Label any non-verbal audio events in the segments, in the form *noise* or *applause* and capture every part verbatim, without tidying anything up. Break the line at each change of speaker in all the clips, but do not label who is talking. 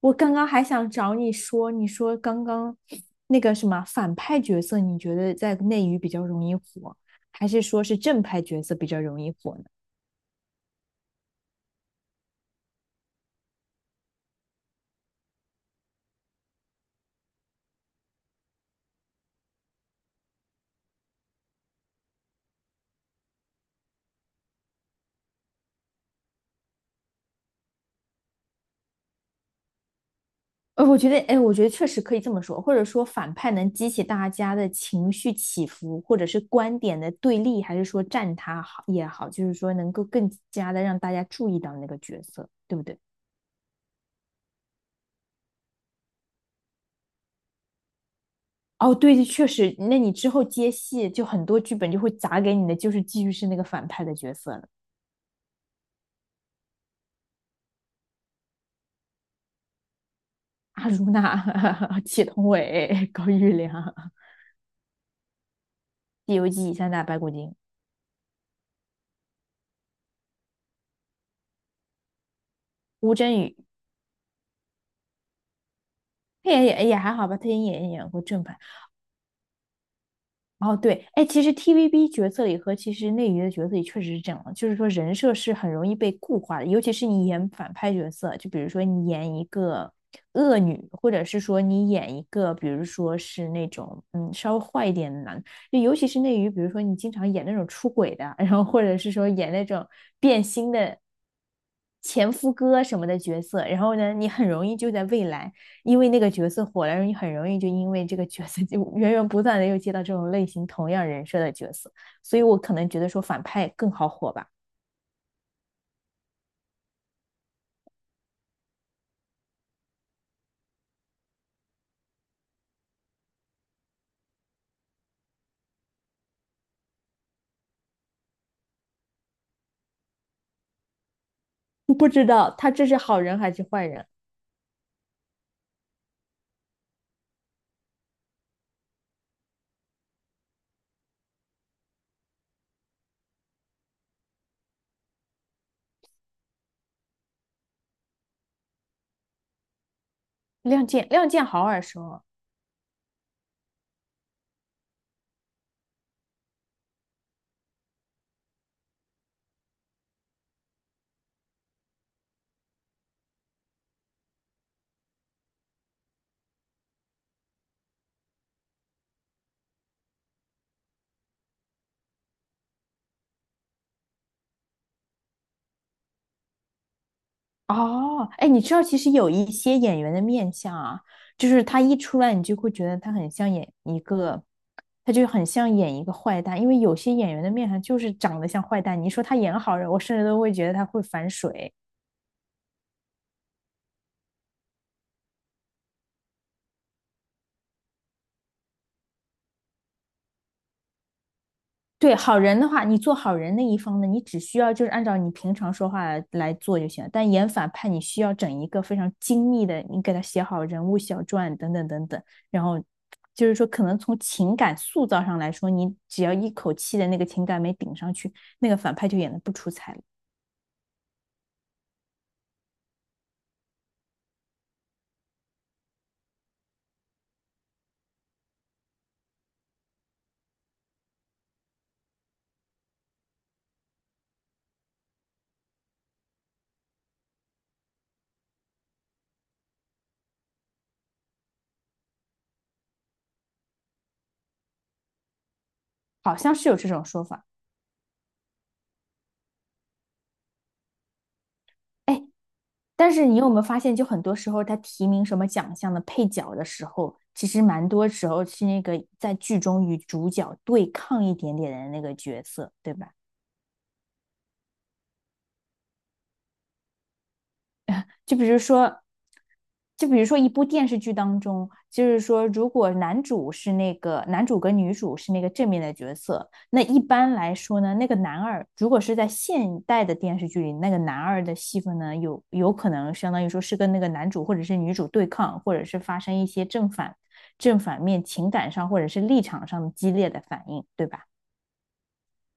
我刚刚还想找你说，你说刚刚那个什么反派角色，你觉得在内娱比较容易火，还是说是正派角色比较容易火呢？呃，我觉得，哎，我觉得确实可以这么说，或者说反派能激起大家的情绪起伏，或者是观点的对立，还是说站他好也好，就是说能够更加的让大家注意到那个角色，对不对？哦，对，确实，那你之后接戏就很多剧本就会砸给你的，就是继续是那个反派的角色了。阿如那、*laughs* 祁同伟、高玉良，《西游记》三大白骨精，吴镇宇。也也也还好吧，他也演演过正版。哦，对，哎，其实 T V B 角色里和其实内娱的角色里确实是这样的，就是说人设是很容易被固化的，尤其是你演反派角色，就比如说你演一个恶女，或者是说你演一个，比如说是那种嗯稍微坏一点的男，就尤其是内娱，比如说你经常演那种出轨的，*laughs* 然后或者是说演那种变心的前夫哥什么的角色，然后呢，你很容易就在未来。因为那个角色火了，你很容易就因为这个角色 *laughs* 就源源不断的又接到这种类型同样人设的角色，所以我可能觉得说反派更好火吧。*laughs* 不知道他这是好人还是坏人？亮剑，亮剑好耳熟哦。哦，哎，你知道其实有一些演员的面相啊，就是他一出来，你就会觉得他很像演一个，他就很像演一个坏蛋，因为有些演员的面相就是长得像坏蛋。你说他演好人，我甚至都会觉得他会反水。对，好人的话，你做好人那一方呢，你只需要就是按照你平常说话来来做就行了。但演反派，你需要整一个非常精密的，你给他写好人物小传等等等等，然后就是说，可能从情感塑造上来说，你只要一口气的那个情感没顶上去，那个反派就演得不出彩了。好像是有这种说法。哎，但是你有没有发现，就很多时候他提名什么奖项的配角的时候，其实蛮多时候是那个在剧中与主角对抗一点点的那个角色，对吧？就比如说，就比如说一部电视剧当中，就是说，如果男主是那个男主跟女主是那个正面的角色，那一般来说呢，那个男二如果是在现代的电视剧里，那个男二的戏份呢，有有可能相当于说是跟那个男主或者是女主对抗，或者是发生一些正反正反面情感上或者是立场上的激烈的反应，对吧？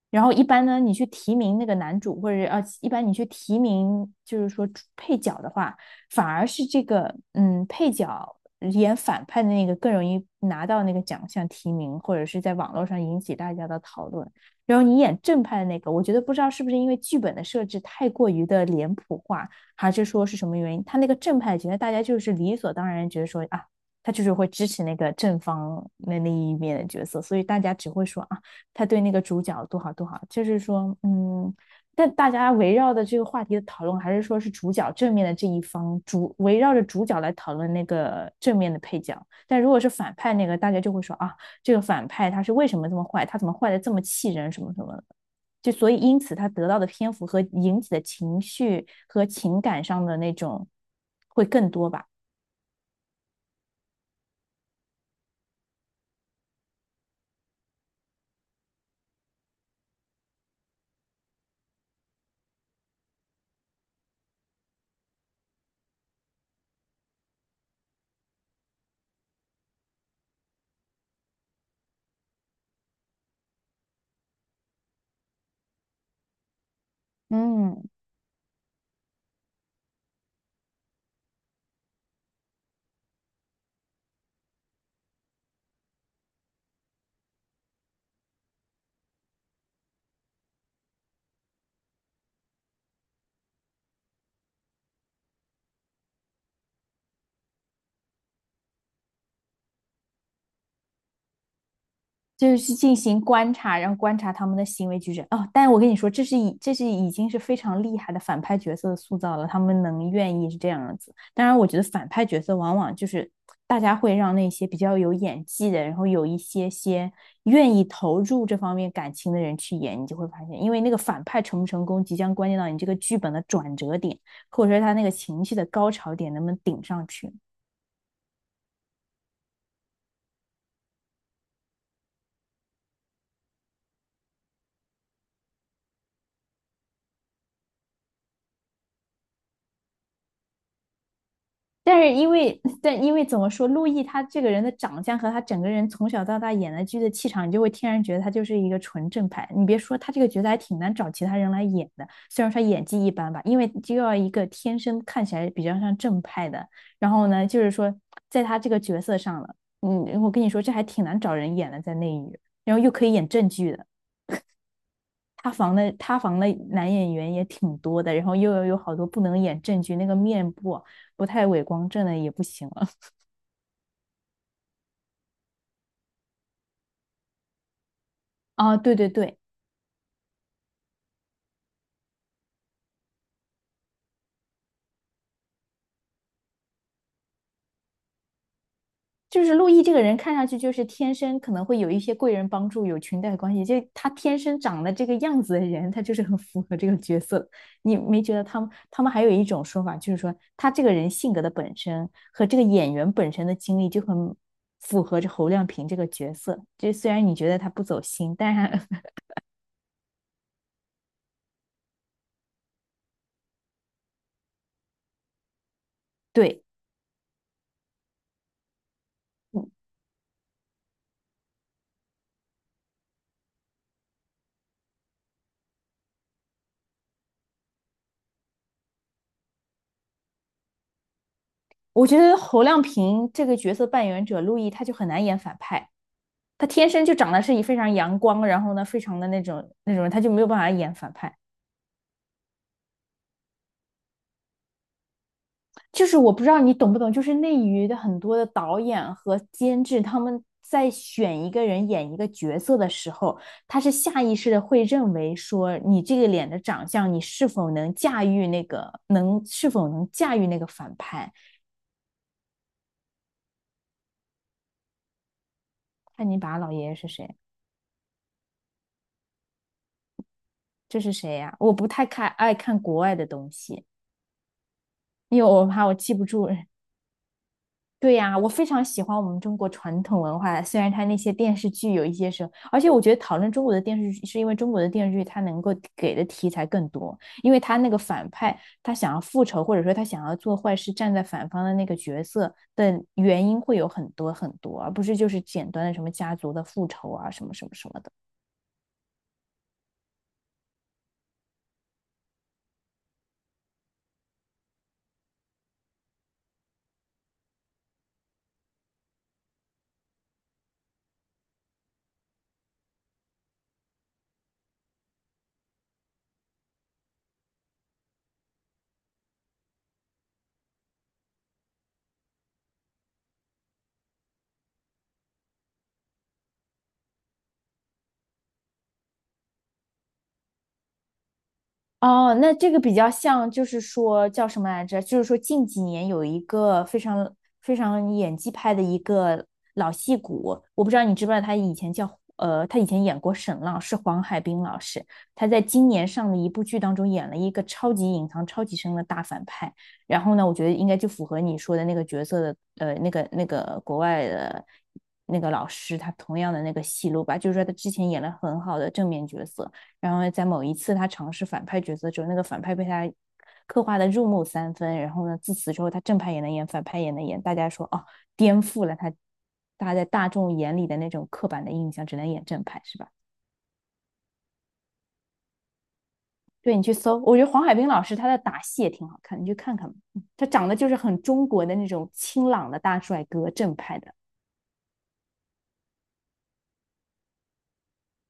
然后一般呢，你去提名那个男主，或者呃，一般你去提名，就是说配角的话，反而是这个嗯配角演反派的那个更容易拿到那个奖项提名，或者是在网络上引起大家的讨论。然后你演正派的那个，我觉得不知道是不是因为剧本的设置太过于的脸谱化，还是说是什么原因，他那个正派觉得大家就是理所当然觉得说啊，他就是会支持那个正方那那一面的角色，所以大家只会说啊。他对那个主角多好多好，就是说，嗯，但大家围绕的这个话题的讨论，还是说是主角正面的这一方，主围绕着主角来讨论那个正面的配角。但如果是反派那个，大家就会说啊，这个反派他是为什么这么坏，他怎么坏的这么气人，什么什么的。就所以因此他得到的篇幅和引起的情绪和情感上的那种会更多吧。嗯。就是去进行观察，然后观察他们的行为举止。哦，但我跟你说，这是已这是已经是非常厉害的反派角色的塑造了，他们能愿意是这样子。当然，我觉得反派角色往往就是大家会让那些比较有演技的，然后有一些些愿意投入这方面感情的人去演，你就会发现，因为那个反派成不成功，即将关键到你这个剧本的转折点，或者说他那个情绪的高潮点能不能顶上去。但是因为，但因为怎么说，陆毅他这个人的长相和他整个人从小到大演的剧的气场，你就会天然觉得他就是一个纯正派。你别说他这个角色还挺难找其他人来演的，虽然说演技一般吧，因为就要一个天生看起来比较像正派的，然后呢，就是说在他这个角色上了，嗯，我跟你说这还挺难找人演的，在内娱，然后又可以演正剧的。塌房的塌房的男演员也挺多的，然后又有有好多不能演正剧，那个面部啊不太伟光正的也不行了。啊，对对对，就是陆毅这个人看上去就是天生可能会有一些贵人帮助，有裙带关系，就他天生长得这个样子的人，他就是很符合这个角色。你没觉得他们他们还有一种说法，就是说他这个人性格的本身和这个演员本身的经历就很符合着侯亮平这个角色。就虽然你觉得他不走心，但是 *laughs* 对，嗯我觉得侯亮平这个角色扮演者陆毅他就很难演反派。他天生就长得是以非常阳光，然后呢，非常的那种那种人，他就没有办法演反派。就是我不知道你懂不懂，就是内娱的很多的导演和监制，他们在选一个人演一个角色的时候，他是下意识的会认为说，你这个脸的长相，你是否能驾驭那个，能是否能驾驭那个反派？看你把老爷爷是谁？这是谁呀、啊我不太看爱看国外的东西，因为我怕我记不住。对呀，我非常喜欢我们中国传统文化，虽然它那些电视剧有一些时候，而且我觉得讨论中国的电视剧，是因为中国的电视剧它能够给的题材更多，因为它那个反派他想要复仇，或者说他想要做坏事，站在反方的那个角色的原因会有很多很多，而不是就是简单的什么家族的复仇啊，什么什么什么的。哦，那这个比较像，就是说叫什么来着？就是说近几年有一个非常非常演技派的一个老戏骨，我不知道你知不知道，他以前叫呃，他以前演过沈浪，是黄海冰老师。他在今年上的一部剧当中演了一个超级隐藏、超级深的大反派。然后呢，我觉得应该就符合你说的那个角色的呃，那个那个国外的那个老师，他同样的那个戏路吧，就是说他之前演了很好的正面角色。然后在某一次他尝试反派角色之后，那个反派被他刻画的入木三分，然后呢，自此之后他正派也能演，反派也能演，大家说哦，颠覆了他大家在大众眼里的那种刻板的印象，只能演正派是吧？对你去搜，我觉得黄海冰老师他的打戏也挺好看，你去看看吧。嗯他长得就是很中国的那种清朗的大帅哥，正派的。